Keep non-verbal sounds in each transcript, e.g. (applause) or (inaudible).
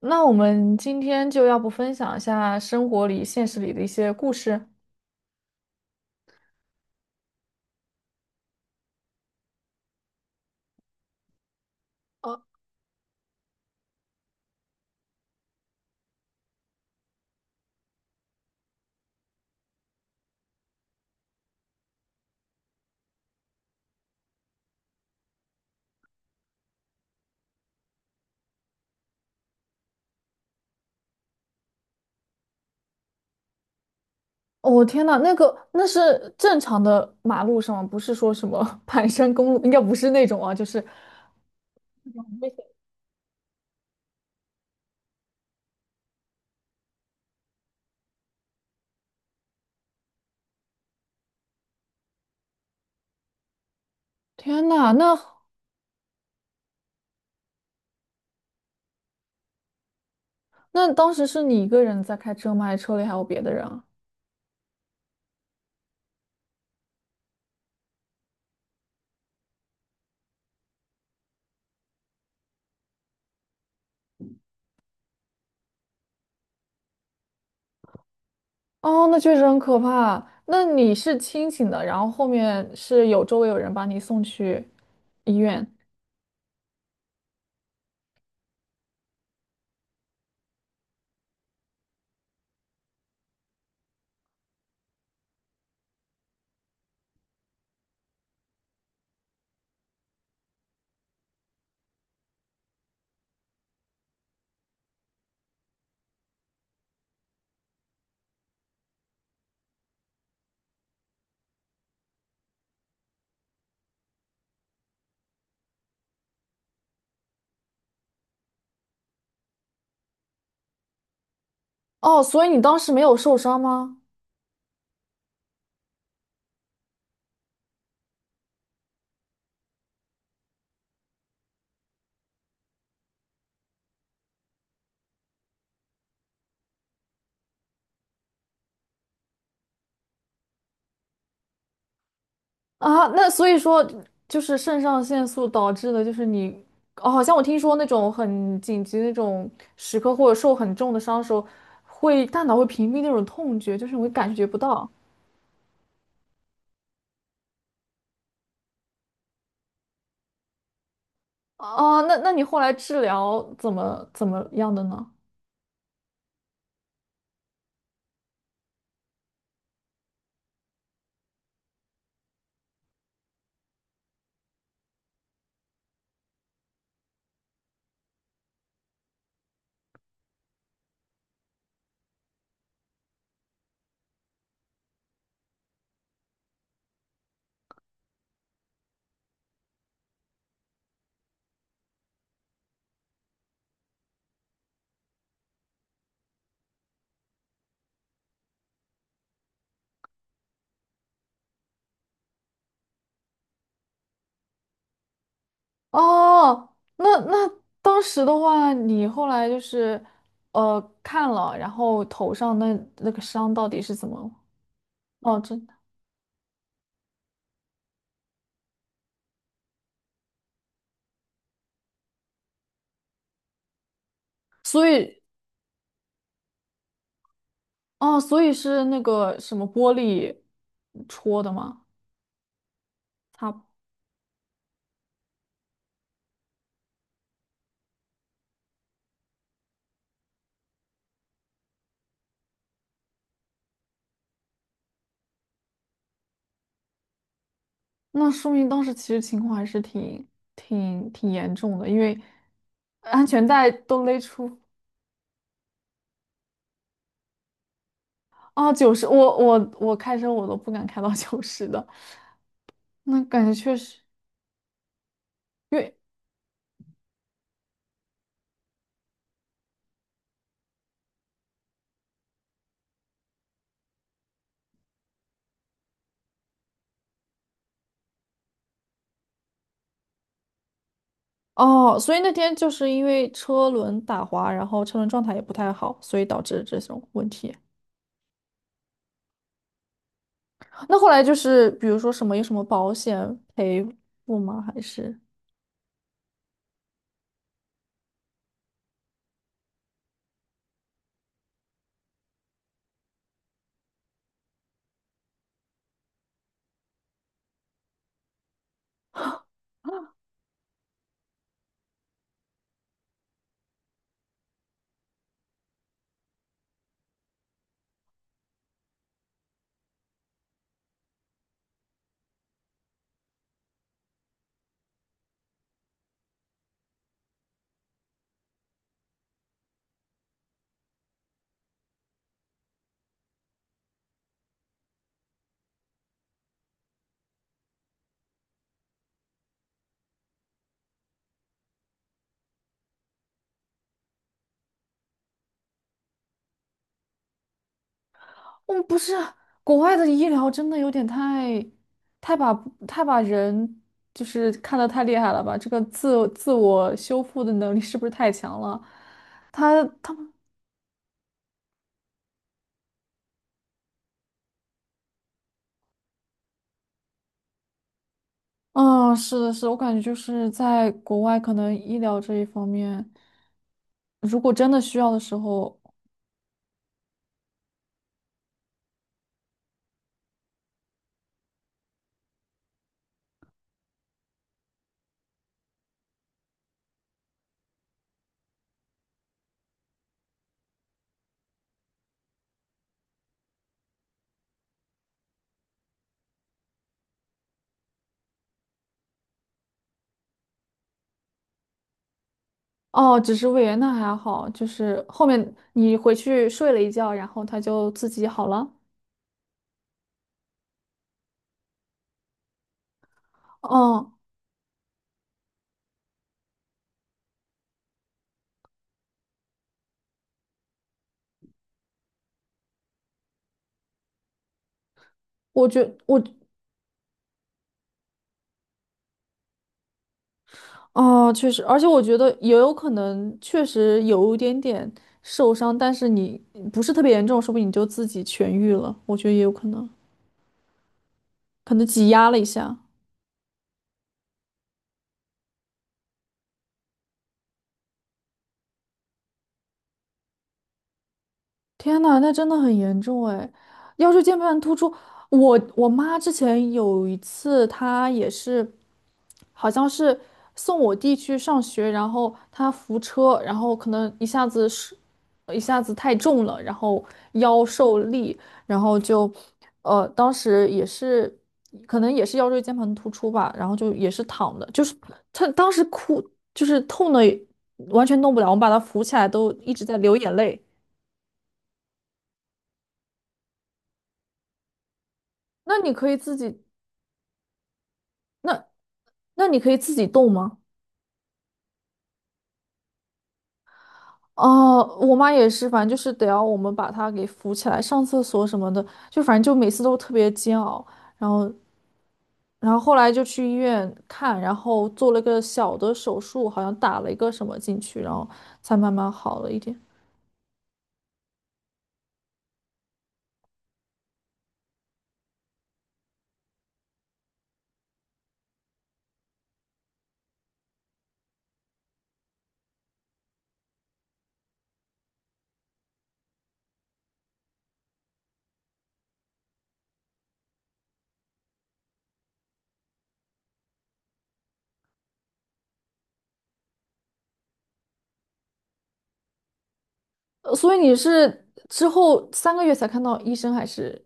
那我们今天就要不分享一下生活里、现实里的一些故事？哦，我天呐，那是正常的马路上吗，不是说什么 (laughs) 盘山公路，应该不是那种啊。就是，天呐，那当时是你一个人在开车吗？还是车里还有别的人啊？哦，那确实很可怕。那你是清醒的，然后后面周围有人把你送去医院。哦，所以你当时没有受伤吗？啊，那所以说就是肾上腺素导致的，就是你，哦，好像我听说那种很紧急那种时刻或者受很重的伤的时候，会大脑会屏蔽那种痛觉，就是你会感觉不到。哦，那你后来治疗怎么样的呢？哦，那当时的话，你后来就是看了，然后头上那个伤到底是怎么？哦，真的，所以哦，所以是那个什么玻璃戳的吗？他那说明当时其实情况还是挺严重的，因为安全带都勒出啊九十，我开车我都不敢开到九十的，那感觉确实，因为哦，所以那天就是因为车轮打滑，然后车轮状态也不太好，所以导致这种问题。那后来就是比如说什么有什么保险赔付吗？还是？嗯，不是，国外的医疗真的有点太，太把太把人就是看得太厉害了吧？这个自我修复的能力是不是太强了？他他们嗯，是的，是的，我感觉就是在国外，可能医疗这一方面，如果真的需要的时候，哦，只是胃炎那还好，就是后面你回去睡了一觉，然后他就自己好了。嗯，我觉我哦，确实，而且我觉得也有可能，确实有一点点受伤，但是你不是特别严重，说不定你就自己痊愈了，我觉得也有可能，可能挤压了一下。天呐，那真的很严重哎！腰椎间盘突出，我妈之前有一次，她也是，好像是送我弟去上学，然后她扶车，然后可能一下子太重了，然后腰受力，然后就，当时也是可能也是腰椎间盘突出吧，然后就也是躺的，就是她当时哭，就是痛的完全动不了，我们把她扶起来都一直在流眼泪。那你可以自己，那那你可以自己动吗？哦，我妈也是，反正就是得要我们把她给扶起来，上厕所什么的，就反正就每次都特别煎熬。然后，然后后来就去医院看，然后做了个小的手术，好像打了一个什么进去，然后才慢慢好了一点。所以你是之后三个月才看到医生，还是？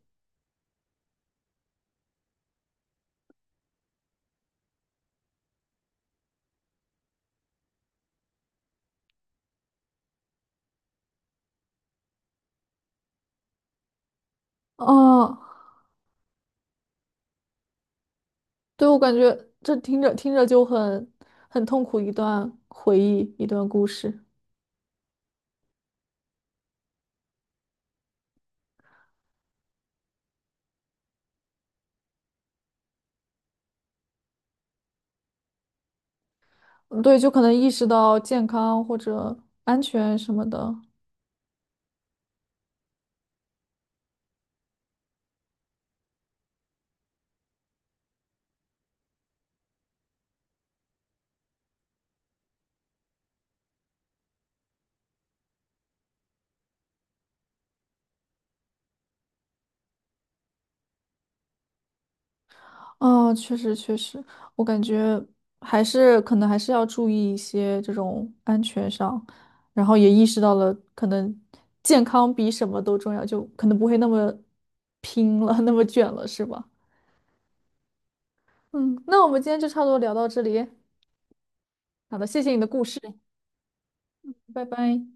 哦，对，我感觉这听着听着就很痛苦，一段回忆，一段故事。嗯对，就可能意识到健康或者安全什么的。哦，确实，确实，我感觉还是可能还是要注意一些这种安全上，然后也意识到了可能健康比什么都重要，就可能不会那么拼了，(laughs) 那么卷了，是吧？嗯，那我们今天就差不多聊到这里。好的，谢谢你的故事，拜拜。